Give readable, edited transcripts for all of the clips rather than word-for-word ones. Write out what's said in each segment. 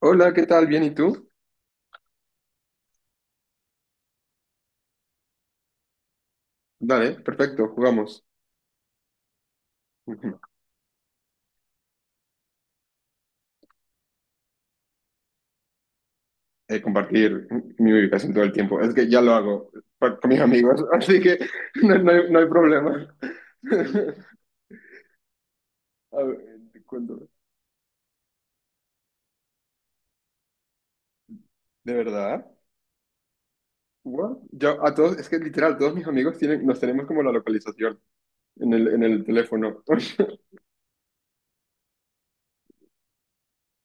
Hola, ¿qué tal? ¿Bien y tú? Dale, perfecto, jugamos. Compartir mi ubicación todo el tiempo. Es que ya lo hago con mis amigos, así que no, no hay, no hay problema. A ver, ¿De verdad? What? Yo, a todos, es que literal, todos mis amigos tienen, nos tenemos como la localización en el teléfono.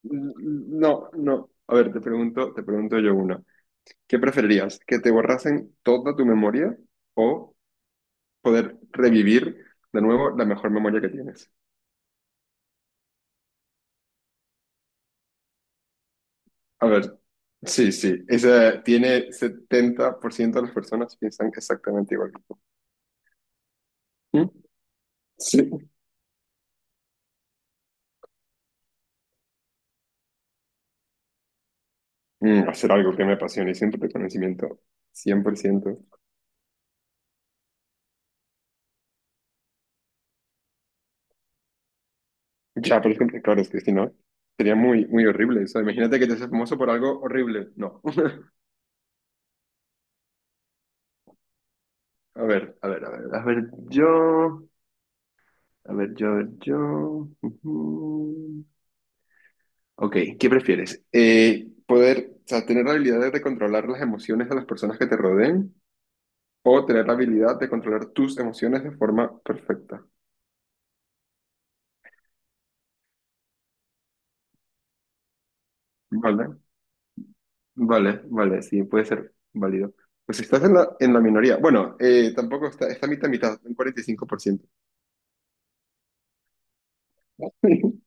No, no. A ver, te pregunto yo una. ¿Qué preferirías? ¿Que te borrasen toda tu memoria o poder revivir de nuevo la mejor memoria que tienes? A ver, sí, sí, esa tiene 70% de las personas piensan exactamente igual que tú. ¿Mm? Sí. Hacer algo que me apasione y siempre de conocimiento, ciento. Ya, por ejemplo, claro, es que si no, sería muy, muy horrible. Eso imagínate que te haces famoso por algo horrible. No. A ver, a ver, a ver, a ver, yo, a ver, yo, a ver, yo. Ujú. Ok, ¿qué prefieres? Poder, o sea, tener la habilidad de controlar las emociones de las personas que te rodeen o tener la habilidad de controlar tus emociones de forma perfecta. Vale, vale, vale, sí, puede ser válido. Pues si estás en la minoría. Bueno, tampoco está, está mitad, mitad, un 45%.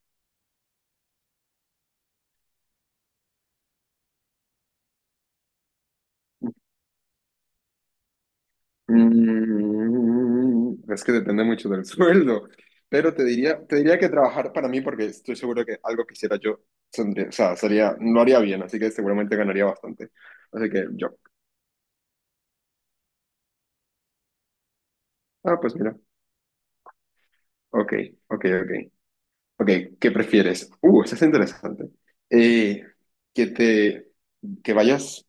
Mm, es que depende mucho del sueldo, pero te diría que trabajar para mí porque estoy seguro que algo que hiciera yo, o sea, sería, lo haría bien, así que seguramente ganaría bastante. Así que yo, ah, pues mira, ok, ok, ok, ok, ¿qué prefieres? Eso es interesante. Eh, que te, que vayas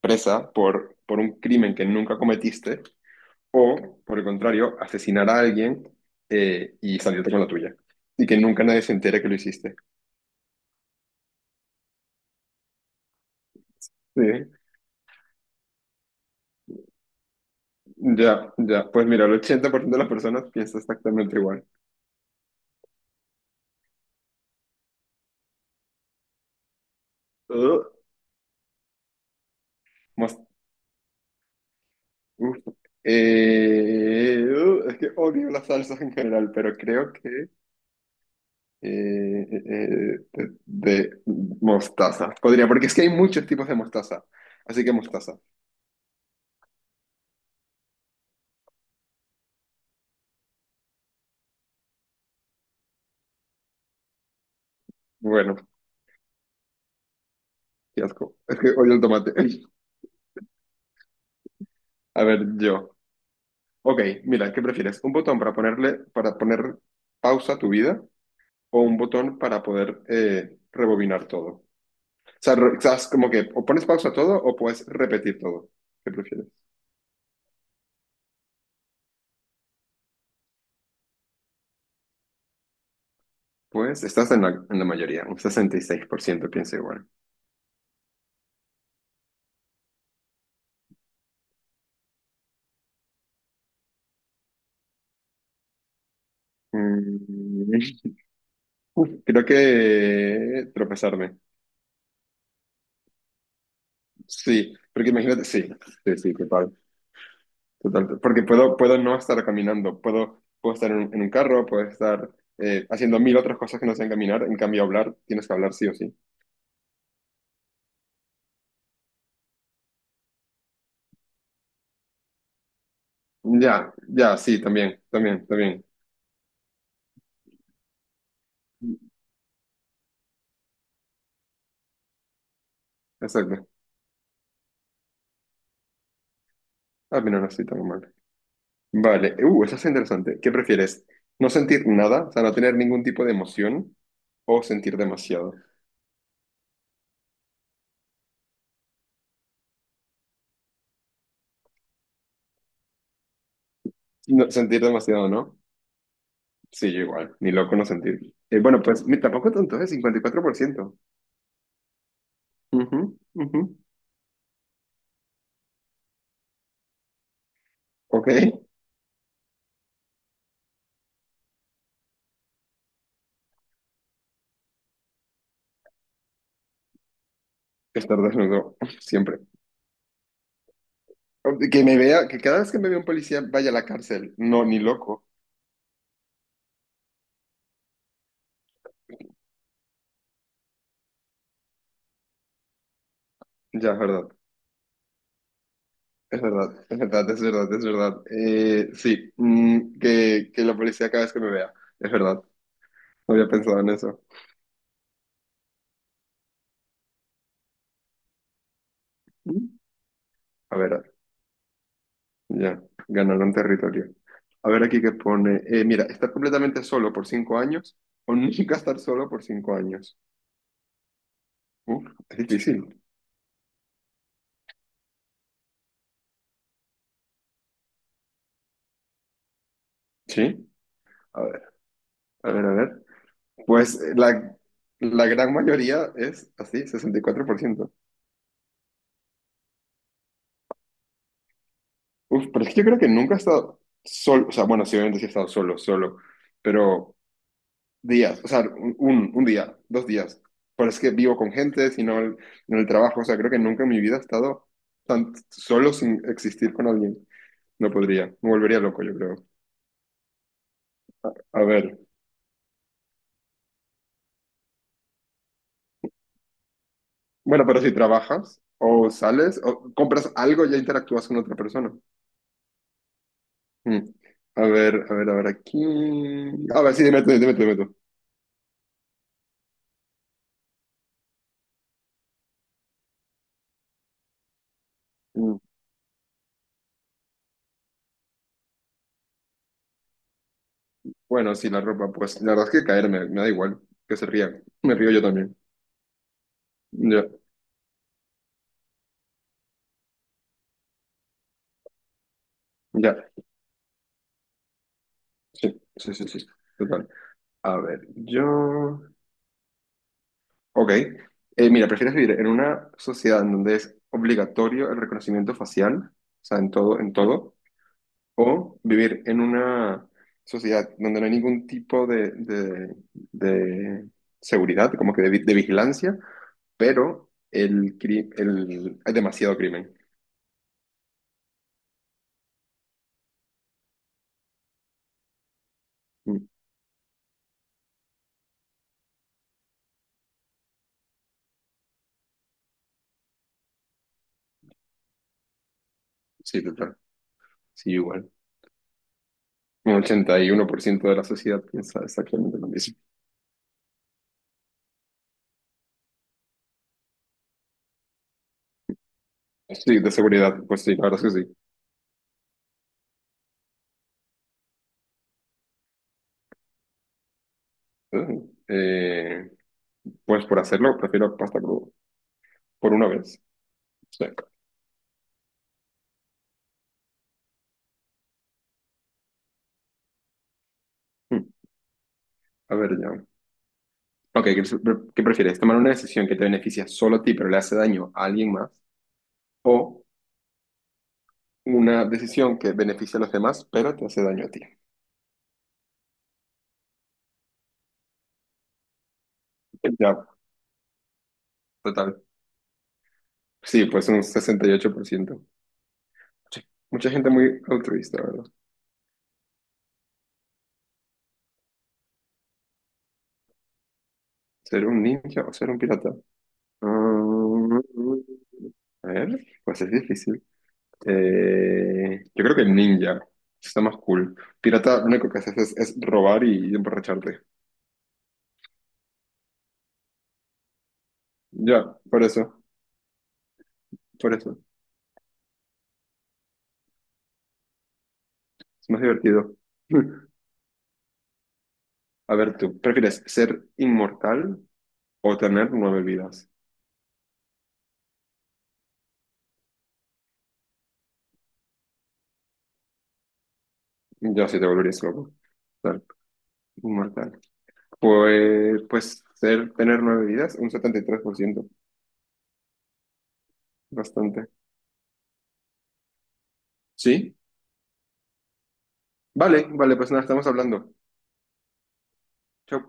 presa por un crimen que nunca cometiste. O, por el contrario, asesinar a alguien y salirte con la tuya. Y que nunca nadie se entere que lo hiciste. Sí, ya, ya. Pues mira, el 80% de las personas piensa exactamente igual. Uh, mos- uf. Es que odio las salsas en general, pero creo que eh, eh, de mostaza. Podría, porque es que hay muchos tipos de mostaza. Así que mostaza. Bueno, qué asco. Es que odio el tomate. A ver, yo. Ok, mira, ¿qué prefieres? ¿Un botón para ponerle, para poner pausa a tu vida o un botón para poder rebobinar todo? O sea, estás como que o pones pausa a todo o puedes repetir todo. ¿Qué prefieres? Pues estás en la mayoría, un 66% piensa igual. Mm, uf, creo que tropezarme. Sí, porque imagínate, sí, sí, sí, total. Total, porque puedo, puedo no estar caminando, puedo, puedo estar en un carro, puedo estar haciendo mil otras cosas que no sean caminar, en cambio hablar, tienes que hablar sí o sí. Ya, ya, sí, también, también, también. Exacto. Ah, mira, no estoy tan mal. Vale, eso es interesante. ¿Qué prefieres? ¿No sentir nada, o sea, no tener ningún tipo de emoción o sentir demasiado? No, sentir demasiado, ¿no? Sí, yo igual, ni loco no sentir. Bueno, pues tampoco tanto, es 54%. Ujú, ujú. Ok. Estar desnudo, siempre. Que me vea, que cada vez que me vea un policía vaya a la cárcel. No, ni loco. Ya, es verdad. Es verdad, es verdad, es verdad, es verdad. Sí, mm, que la policía cada vez que me vea. Es verdad. No había pensado en eso. Mm. A ver, ya, ganaron territorio. A ver aquí qué pone. Mira, estar completamente solo por 5 años o nunca estar solo por 5 años. Uf, es difícil. Sí. A ver, a ver, a ver. Pues la gran mayoría es así, 64%. Uf, pero es que yo creo que nunca he estado solo, o sea, bueno, sí, obviamente sí he estado solo, solo, pero días, o sea, un, un día, dos días. Pero es que vivo con gente, en el trabajo, o sea, creo que nunca en mi vida he estado tan solo sin existir con alguien. No podría, me volvería loco, yo creo. A ver, bueno, pero si trabajas o sales o compras algo, ya interactúas con otra persona. Mm. A ver, a ver, a ver, aquí. A ver, sí, dime tú, dime tú, dime tú. Mm. Bueno, sí, la ropa, pues la verdad es que caer me, me da igual, que se rían. Me río yo también. Ya, ya, sí, sí, sí, sí, total. A ver, yo. Ok. Mira, ¿prefieres vivir en una sociedad en donde es obligatorio el reconocimiento facial? O sea, en todo, en todo. O vivir en una sociedad donde no hay ningún tipo de seguridad, como que de de vigilancia, pero hay demasiado crimen. Mm. Sí, total. Sí, igual. Un 81% de la sociedad piensa exactamente lo mismo. Sí, de seguridad, pues sí, la verdad es que sí. Eh, eh, pues por hacerlo, prefiero pasta cruda. Por una vez. Sí. Mm, a ver, ya. Ok, ¿qué prefieres? ¿Tomar una decisión que te beneficia solo a ti, pero le hace daño a alguien más? ¿O una decisión que beneficia a los demás, pero te hace daño a ti? Ya, total. Sí, pues un 68%. Sí, mucha gente muy altruista, ¿verdad? ¿Ser un ninja o ser un pirata? Mm, a ver, pues es difícil. Yo creo que ninja. Está más cool. Pirata, lo único que haces es robar y emborracharte. Ya, por eso, por eso. Es más divertido. A ver, tú, ¿prefieres ser inmortal o tener 9 vidas? Yo sí te volverías loco. Ser inmortal. Pues, pues ser, tener 9 vidas, un 73%. Bastante. Sí, vale, vale, pues nada, estamos hablando. Chau.